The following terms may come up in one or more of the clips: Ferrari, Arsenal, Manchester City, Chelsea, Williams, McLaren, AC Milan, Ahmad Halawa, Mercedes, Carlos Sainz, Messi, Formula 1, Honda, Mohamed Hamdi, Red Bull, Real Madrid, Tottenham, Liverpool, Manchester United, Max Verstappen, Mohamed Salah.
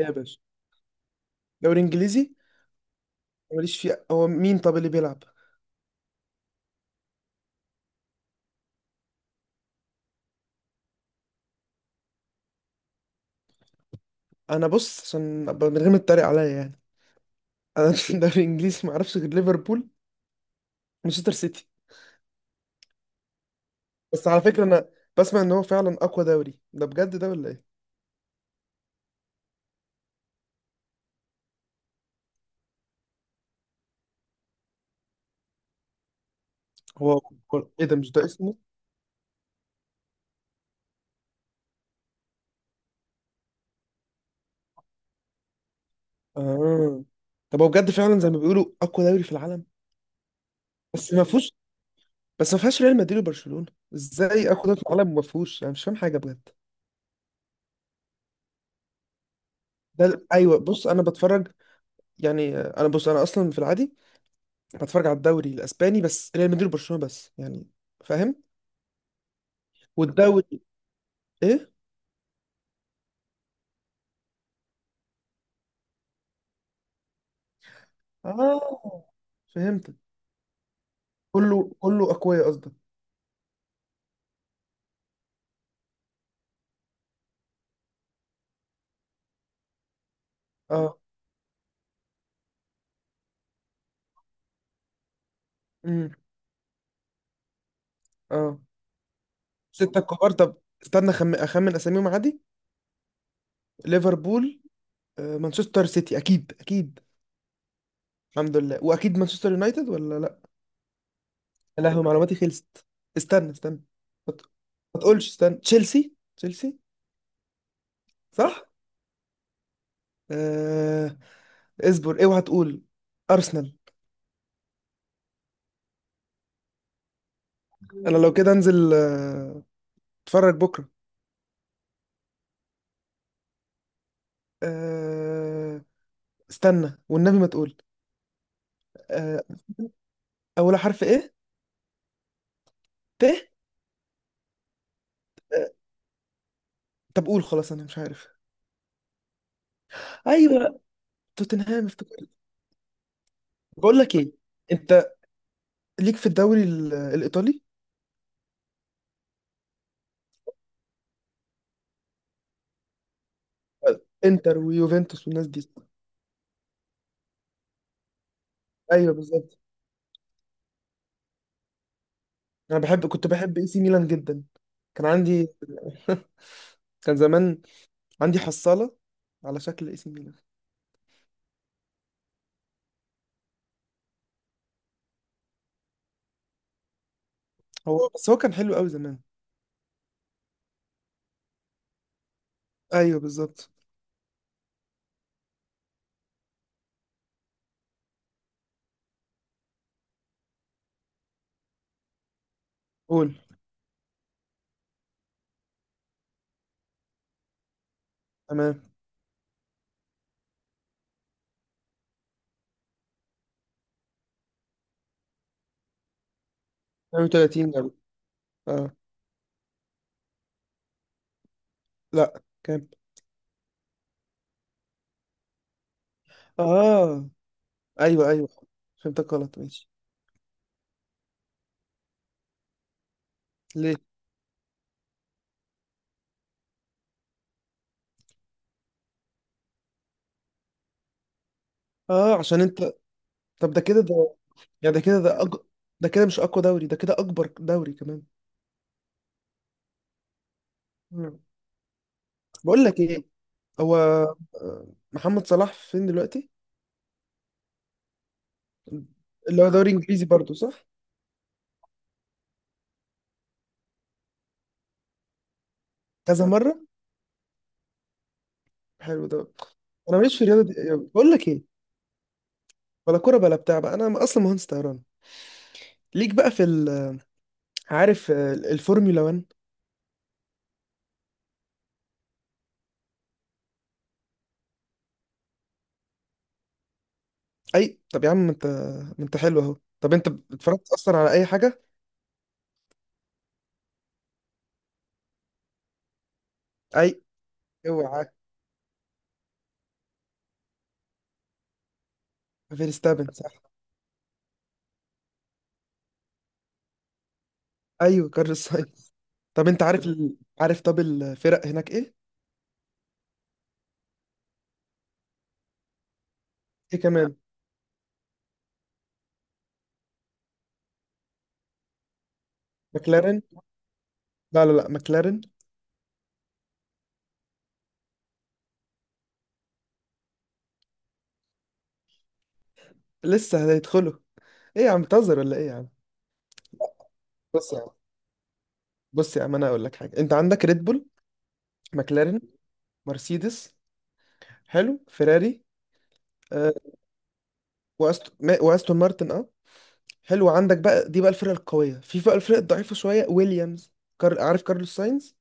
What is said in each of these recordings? إيه يا باشا. دوري انجليزي؟ ماليش فيه. هو مين طب اللي بيلعب؟ انا بص عشان أبقى من غير ما تتريق عليا يعني. انا في دوري انجليزي ما اعرفش غير ليفربول ومانشستر سيتي. بس على فكره انا بسمع ان هو فعلا اقوى دوري، ده بجد ده ولا ايه؟ هو ايه ده، مش ده اسمه؟ اه. طب هو بجد فعلا زي ما بيقولوا اقوى دوري في العالم؟ بس ما فيهوش، بس ما فيهاش ريال مدريد وبرشلونه. ازاي اقوى دوري في العالم وما فيهوش؟ انا مش فاهم حاجه بجد. ايوه بص انا بتفرج، يعني انا بص، انا اصلا في العادي انا بتفرج على الدوري الاسباني بس ريال مدريد وبرشلونه بس يعني، فاهم؟ والدوري؟ ايه؟ اه فهمت. كله كله اقوياء قصدك. اه. امم. اه. سته كبار طب. استنى اخمن اساميهم عادي. ليفربول، مانشستر سيتي، اكيد. الحمد لله. واكيد مانشستر يونايتد ولا لا؟ يا لهوي معلوماتي خلصت. استنى. ما ت- ما تقولش، استنى، تشيلسي. صح. آه... اصبر اوعى تقول. ارسنال. انا لو كده انزل، اتفرج بكرة. أه... استنى والنبي ما تقول. أه... أول حرف إيه؟ ت؟ أه... طب قول خلاص أنا مش عارف. أيوه توتنهام، افتكرت. بقول لك إيه، أنت ليك في الإيطالي؟ إنتر ويوفنتوس والناس دي؟ أيوه بالظبط. أنا بحب، كنت بحب إي سي ميلان جدا. كان عندي كان زمان عندي حصالة على شكل اي سي ميلان. هو بس هو كان حلو قوي زمان. ايوه بالظبط. قول. تمام. 32 جول. اه. لا كام؟ اه. ايوه ايوه فهمتك، غلط ماشي. ليه؟ اه عشان انت. طب ده كده ده، يعني ده كده مش اقوى دوري، ده كده اكبر دوري كمان. مم. بقول لك ايه، هو محمد صلاح فين دلوقتي؟ اللي هو دوري انجليزي برضو صح؟ كذا مره. حلو ده. انا ماليش في الرياضه دي أوي. بقول لك ايه، ولا كوره بلا بتاع بقى، انا اصلا مهندس طيران. ليك بقى. عارف الفورمولا 1؟ اي طب يا عم ما انت، ما انت حلو اهو. طب انت اتفرجت اصلا على اي حاجه؟ اي. اوعى. فيرستابن. ايوه كارل ساينز. طب انت عارف طب الفرق هناك ايه؟ ايه كمان؟ مكلارين. لا، مكلارين. لسه هيدخلوا؟ ايه يا عم بتهزر ولا ايه يا عم؟ بص يا عم بص يا عم، انا اقول لك حاجه. انت عندك ريد بول، مكلارين، مرسيدس، حلو، فيراري. آه. وأست... ما- واستون مارتن اه، حلو. عندك بقى دي بقى الفرق القويه. في بقى الفرق الضعيفه شويه، ويليامز. عارف كارلوس ساينز.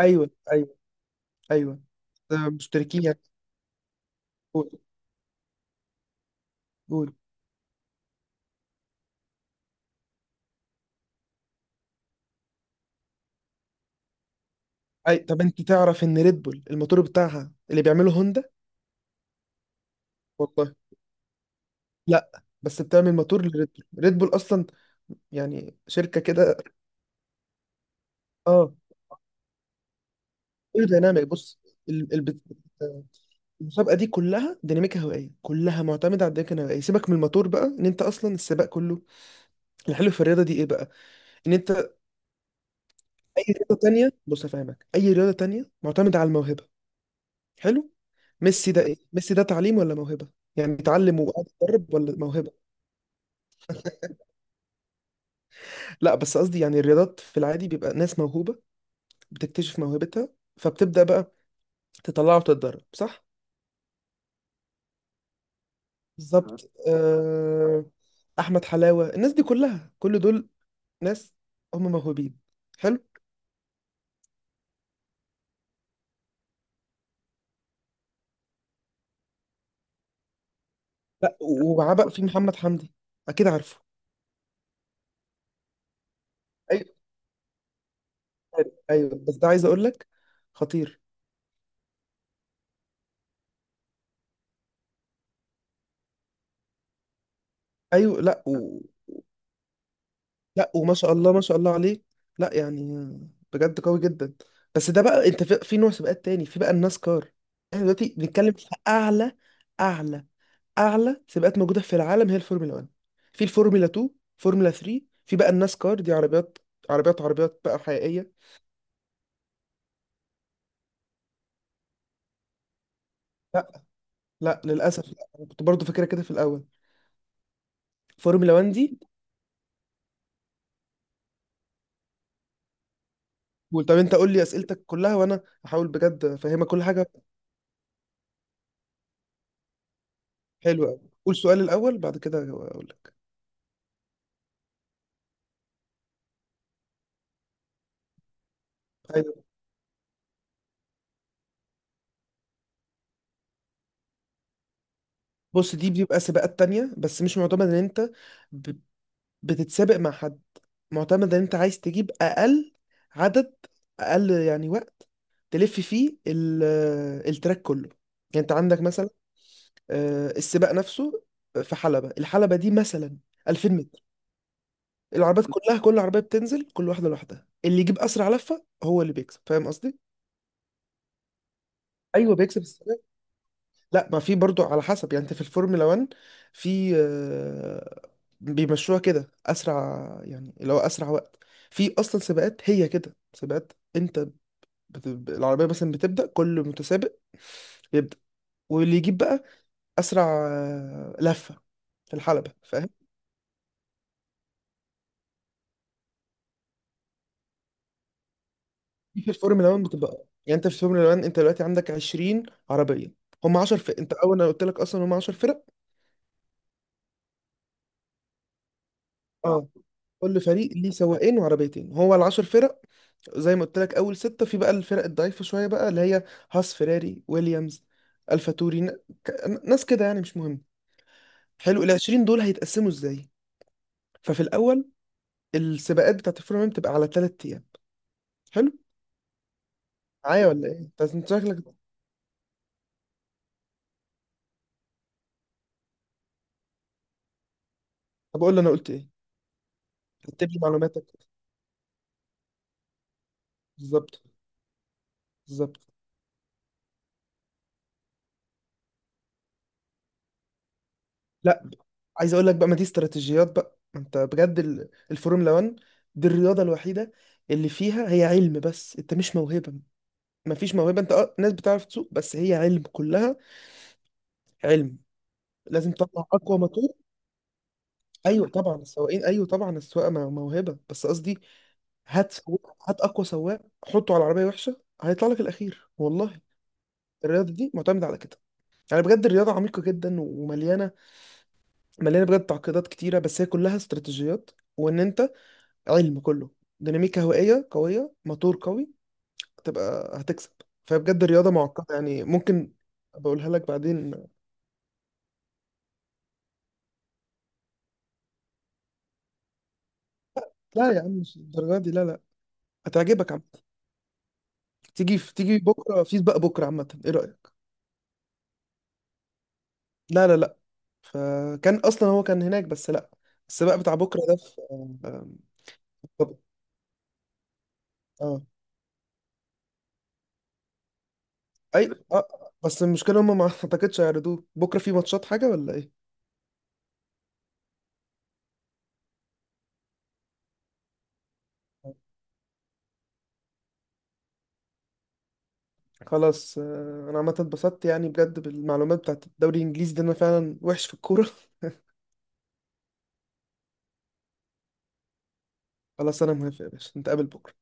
ايوه ايوه ايوه. آه، مشتركين يعني. قول. قول. اي طب انت تعرف ان ريد بول الموتور بتاعها اللي بيعمله هوندا؟ والله. لا بس بتعمل موتور لريد بول، ريد بول اصلا يعني شركه كده. اه. ايروديناميك، بص. ال- ال- بت- المسابقه دي كلها ديناميكا هوائيه، كلها معتمده على الديناميكا الهوائيه. سيبك من الموتور بقى، ان انت اصلا السباق كله. الحلو في الرياضه دي ايه بقى؟ ان انت اي رياضه تانية، بص افهمك، اي رياضه تانية معتمده على الموهبه. حلو. ميسي ده ايه، ميسي ده تعليم ولا موهبه؟ يعني بيتعلم وقاعد يتدرب ولا موهبه؟ لا بس قصدي يعني الرياضات في العادي بيبقى ناس موهوبة بتكتشف موهبتها، فبتبدأ بقى تطلعها وتتدرب، صح؟ بالظبط. أحمد حلاوة، الناس دي كلها، كل دول ناس، هم موهوبين. حلو؟ لا ومعاه بقى في محمد حمدي، أكيد عارفه. أيوه. أيوه بس ده عايز أقول لك، خطير. أيوه. لا. لا وما شاء الله، ما شاء الله عليه. لا يعني بجد قوي جدا. بس ده بقى انت في، في نوع سباقات تاني. في بقى الناس كار. احنا دلوقتي بنتكلم في اعلى، اعلى اعلى سباقات موجوده في العالم، هي الفورمولا 1. في الفورمولا 2، فورمولا 3. في بقى الناس كار، دي عربيات، عربيات بقى حقيقيه. لا لا، للاسف لا. أنا كنت برضو فاكرها كده في الاول، فورمولا 1 دي. قول. طب انت قول لي اسئلتك كلها وانا هحاول بجد افهمك كل حاجه. حلوه قوي. قول سؤال الاول بعد كده اقول لك. بص دي بيبقى سباقات تانية، بس مش معتمد ان ب- بتتسابق مع حد. معتمد ان انت عايز تجيب اقل عدد، اقل يعني وقت تلف فيه التراك كله. يعني انت عندك مثلا، السباق نفسه في حلبة، الحلبة دي مثلا 2000 متر. العربيات كلها، كل عربية بتنزل كل واحدة لوحدها، اللي يجيب اسرع لفة هو اللي بيكسب، فاهم قصدي؟ ايوه بيكسب. لا ما في برضو على حسب يعني. انت في الفورمولا 1 في بيمشوها كده اسرع، يعني اللي هو اسرع وقت. في اصلا سباقات هي كده، سباقات انت العربيه مثلا بتبدا، كل متسابق يبدا، واللي يجيب بقى اسرع لفه في الحلبه، فاهم؟ دي في الفورمولا 1 بتبقى، يعني انت في الفورمولا 1، انت دلوقتي عندك 20 عربيه، هم 10 فرق. انت اول، انا قلت لك اصلا هم 10 فرق. اه. كل فريق ليه سواقين وعربيتين، هو ال 10 فرق. زي ما قلت لك اول ستة في بقى الفرق الضعيفة شوية بقى، اللي هي هاس، فيراري، ويليامز، الفا توري ن- ك- ناس كده يعني مش مهم. حلو. ال 20 دول هيتقسموا ازاي؟ ففي الاول السباقات بتاعت الفورمولا 1 بتبقى على ثلاث ايام. حلو. معايا ولا ايه انت؟ أنت شكلك. طب اقول لي انا قلت ايه، رتب لي معلوماتك. بالظبط. بالظبط. لا عايز اقول لك بقى، ما دي استراتيجيات بقى. ما انت بجد الفورمولا 1 دي الرياضة الوحيدة اللي فيها هي علم بس، انت مش موهبة، مفيش موهبه. انت اه ناس بتعرف تسوق، بس هي علم كلها، علم. لازم تطلع اقوى موتور. ايوه طبعا السواقين، ايوه طبعا موهبه، بس قصدي هات اقوى سواق حطه على عربيه وحشه هيطلع لك الاخير والله. الرياضه دي معتمده على كده، يعني بجد الرياضه عميقه جدا ومليانه، مليانه بجد تعقيدات كتيره، بس هي كلها استراتيجيات. وان انت علم كله، ديناميكا هوائيه قويه، موتور قوي، هتبقى هتكسب. فبجد الرياضه معقده يعني ممكن بقولها لك بعدين. لا يا عم مش الدرجه دي، لا. هتعجبك عم. تيجي في، تيجي بكره في سباق بكره، عامه ايه رايك؟ لا، فكان اصلا هو كان هناك بس لا. السباق بتاع بكره ده في، طب اه. اي اه بس المشكله هم ما اعتقدش هيعرضوه بكره، في ماتشات حاجه ولا ايه؟ خلاص انا عامه اتبسطت يعني بجد بالمعلومات بتاعت الدوري الانجليزي ده، انا فعلا وحش في الكوره خلاص انا موافق يا باشا، نتقابل بكره.